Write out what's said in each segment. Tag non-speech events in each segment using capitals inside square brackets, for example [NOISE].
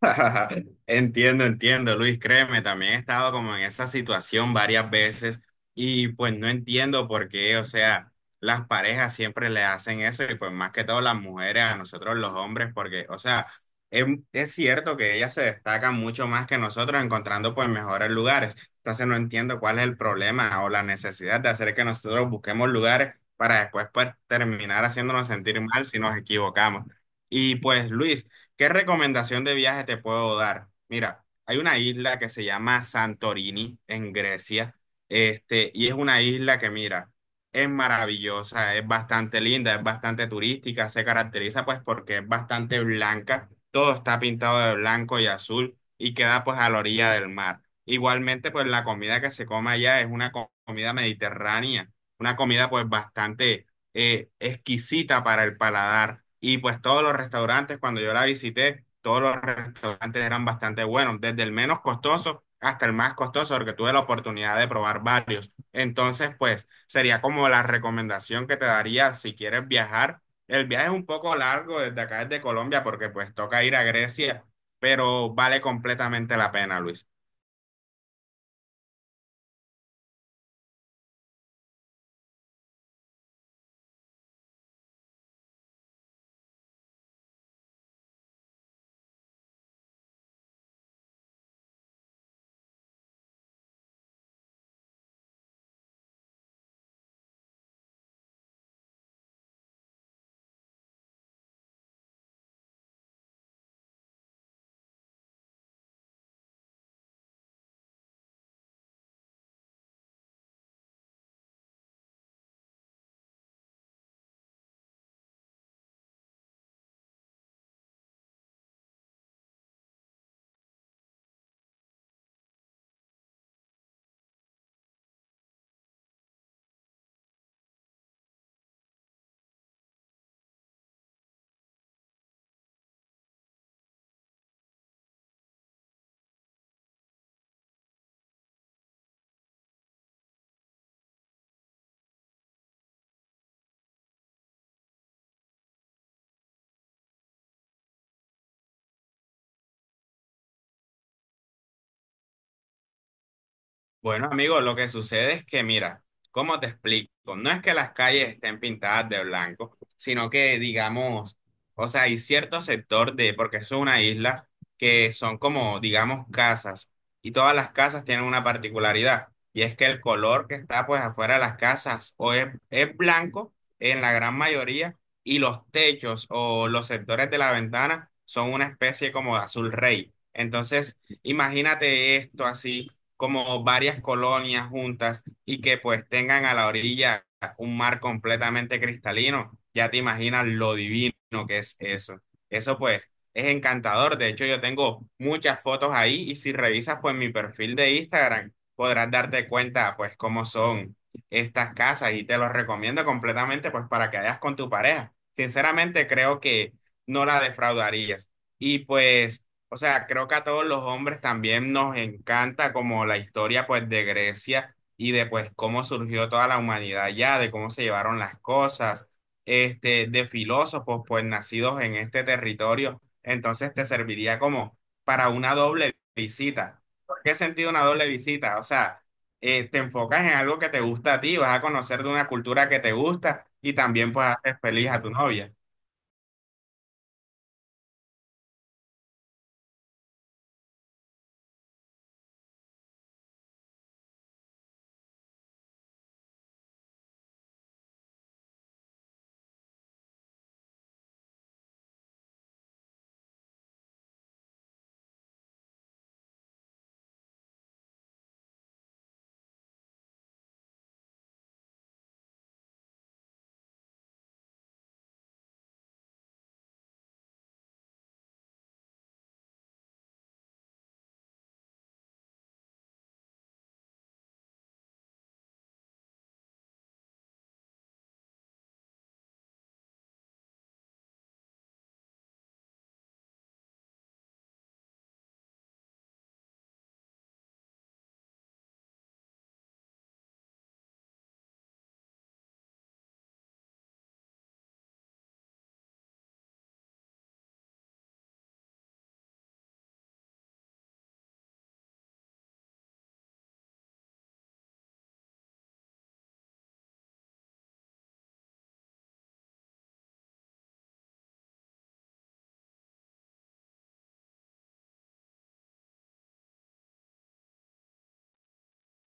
[LAUGHS] Entiendo, entiendo, Luis, créeme, también he estado como en esa situación varias veces y pues no entiendo por qué, o sea, las parejas siempre le hacen eso y pues más que todo las mujeres a nosotros los hombres, porque, o sea, es, es cierto que ellas se destacan mucho más que nosotros encontrando pues mejores lugares. Entonces no entiendo cuál es el problema o la necesidad de hacer que nosotros busquemos lugares para después pues terminar haciéndonos sentir mal si nos equivocamos. Y pues, Luis, ¿qué recomendación de viaje te puedo dar? Mira, hay una isla que se llama Santorini en Grecia, este, y es una isla que, mira, es maravillosa, es bastante linda, es bastante turística, se caracteriza pues porque es bastante blanca, todo está pintado de blanco y azul y queda pues a la orilla del mar. Igualmente, pues la comida que se come allá es una comida mediterránea, una comida pues bastante exquisita para el paladar. Y pues todos los restaurantes, cuando yo la visité, todos los restaurantes eran bastante buenos, desde el menos costoso hasta el más costoso, porque tuve la oportunidad de probar varios. Entonces, pues sería como la recomendación que te daría si quieres viajar. El viaje es un poco largo desde acá, desde Colombia, porque pues toca ir a Grecia, pero vale completamente la pena, Luis. Bueno, amigo, lo que sucede es que, mira, ¿cómo te explico? No es que las calles estén pintadas de blanco, sino que, digamos, o sea, hay cierto sector de, porque eso es una isla, que son como, digamos, casas, y todas las casas tienen una particularidad, y es que el color que está pues afuera de las casas o es blanco en la gran mayoría, y los techos o los sectores de la ventana son una especie como de azul rey. Entonces, imagínate esto así como varias colonias juntas y que pues tengan a la orilla un mar completamente cristalino, ya te imaginas lo divino que es eso. Eso pues es encantador. De hecho, yo tengo muchas fotos ahí y si revisas pues mi perfil de Instagram podrás darte cuenta pues cómo son estas casas y te los recomiendo completamente pues para que vayas con tu pareja. Sinceramente creo que no la defraudarías. Y pues... O sea, creo que a todos los hombres también nos encanta como la historia pues de Grecia y de pues cómo surgió toda la humanidad ya, de cómo se llevaron las cosas, este, de filósofos pues nacidos en este territorio. Entonces te serviría como para una doble visita. ¿Por ¿Qué sentido una doble visita? O sea, te enfocas en algo que te gusta a ti, vas a conocer de una cultura que te gusta y también pues haces feliz a tu novia.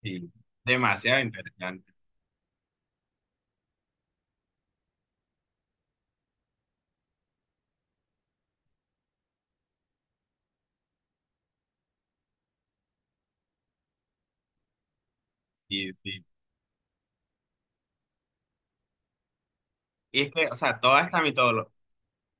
Y demasiado interesante. Sí, sí. Y es que, o sea, toda esta mitología,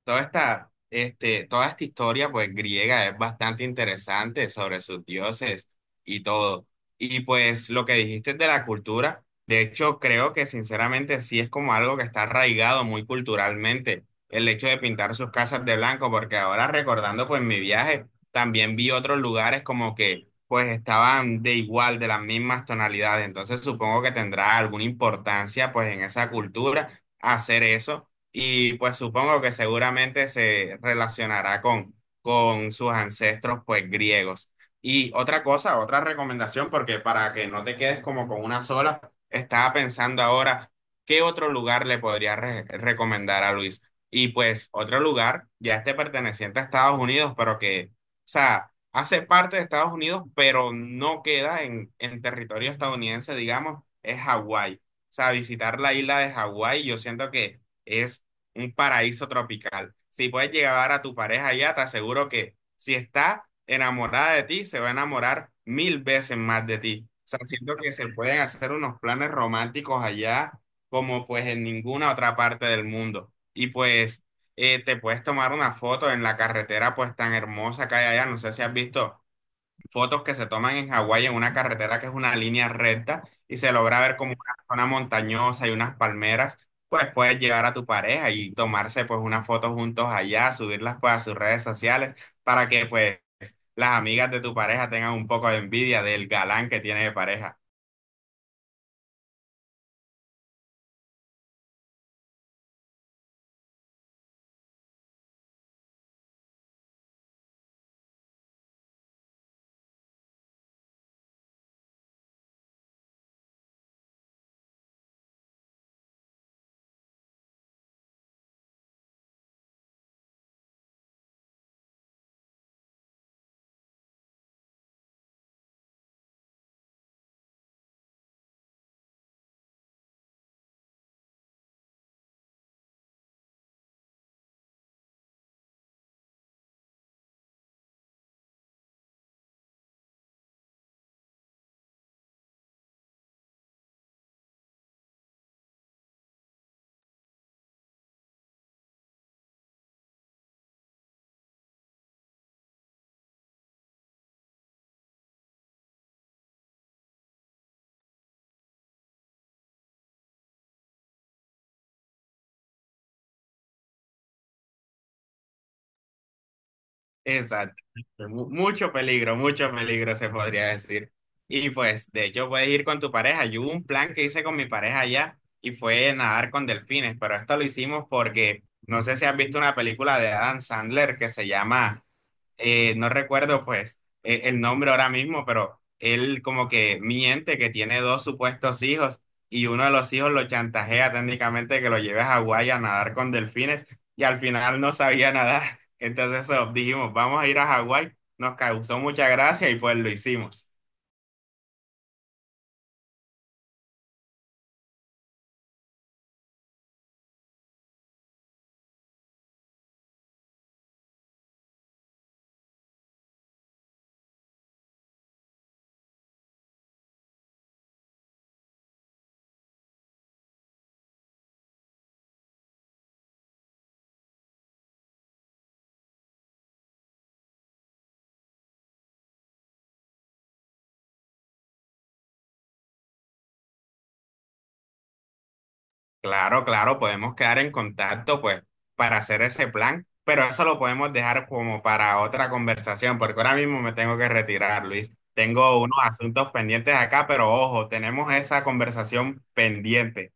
toda esta, este, toda esta historia, pues, griega es bastante interesante sobre sus dioses y todo. Y pues, lo que dijiste de la cultura, de hecho, creo que sinceramente sí es como algo que está arraigado muy culturalmente, el hecho de pintar sus casas de blanco, porque ahora recordando, pues, mi viaje, también vi otros lugares como que, pues, estaban de igual, de las mismas tonalidades. Entonces, supongo que tendrá alguna importancia, pues, en esa cultura hacer eso y pues supongo que seguramente se relacionará con sus ancestros pues griegos. Y otra cosa, otra recomendación, porque para que no te quedes como con una sola, estaba pensando ahora qué otro lugar le podría recomendar a Luis. Y pues otro lugar, ya este perteneciente a Estados Unidos, pero que, o sea, hace parte de Estados Unidos, pero no queda en territorio estadounidense, digamos, es Hawái. O sea, visitar la isla de Hawái, yo siento que... Es un paraíso tropical. Si puedes llevar a tu pareja allá, te aseguro que si está enamorada de ti, se va a enamorar mil veces más de ti. O sea, siento que se pueden hacer unos planes románticos allá como pues en ninguna otra parte del mundo. Y pues te puedes tomar una foto en la carretera pues tan hermosa que hay allá. No sé si has visto fotos que se toman en Hawái en una carretera que es una línea recta y se logra ver como una zona montañosa y unas palmeras, pues puedes llevar a tu pareja y tomarse pues una foto juntos allá, subirlas pues a sus redes sociales para que pues las amigas de tu pareja tengan un poco de envidia del galán que tiene de pareja. Exacto. Mucho peligro se podría decir. Y pues, de hecho, puedes ir con tu pareja. Yo hubo un plan que hice con mi pareja allá y fue nadar con delfines, pero esto lo hicimos porque no sé si has visto una película de Adam Sandler que se llama no recuerdo pues el nombre ahora mismo, pero él como que miente que tiene dos supuestos hijos y uno de los hijos lo chantajea técnicamente que lo lleve a Hawái a nadar con delfines y al final no sabía nadar. Entonces eso, dijimos, vamos a ir a Hawái, nos causó mucha gracia y pues lo hicimos. Claro, claro, podemos quedar en contacto, pues, para hacer ese plan, pero eso lo podemos dejar como para otra conversación, porque ahora mismo me tengo que retirar, Luis. Tengo unos asuntos pendientes acá, pero ojo, tenemos esa conversación pendiente.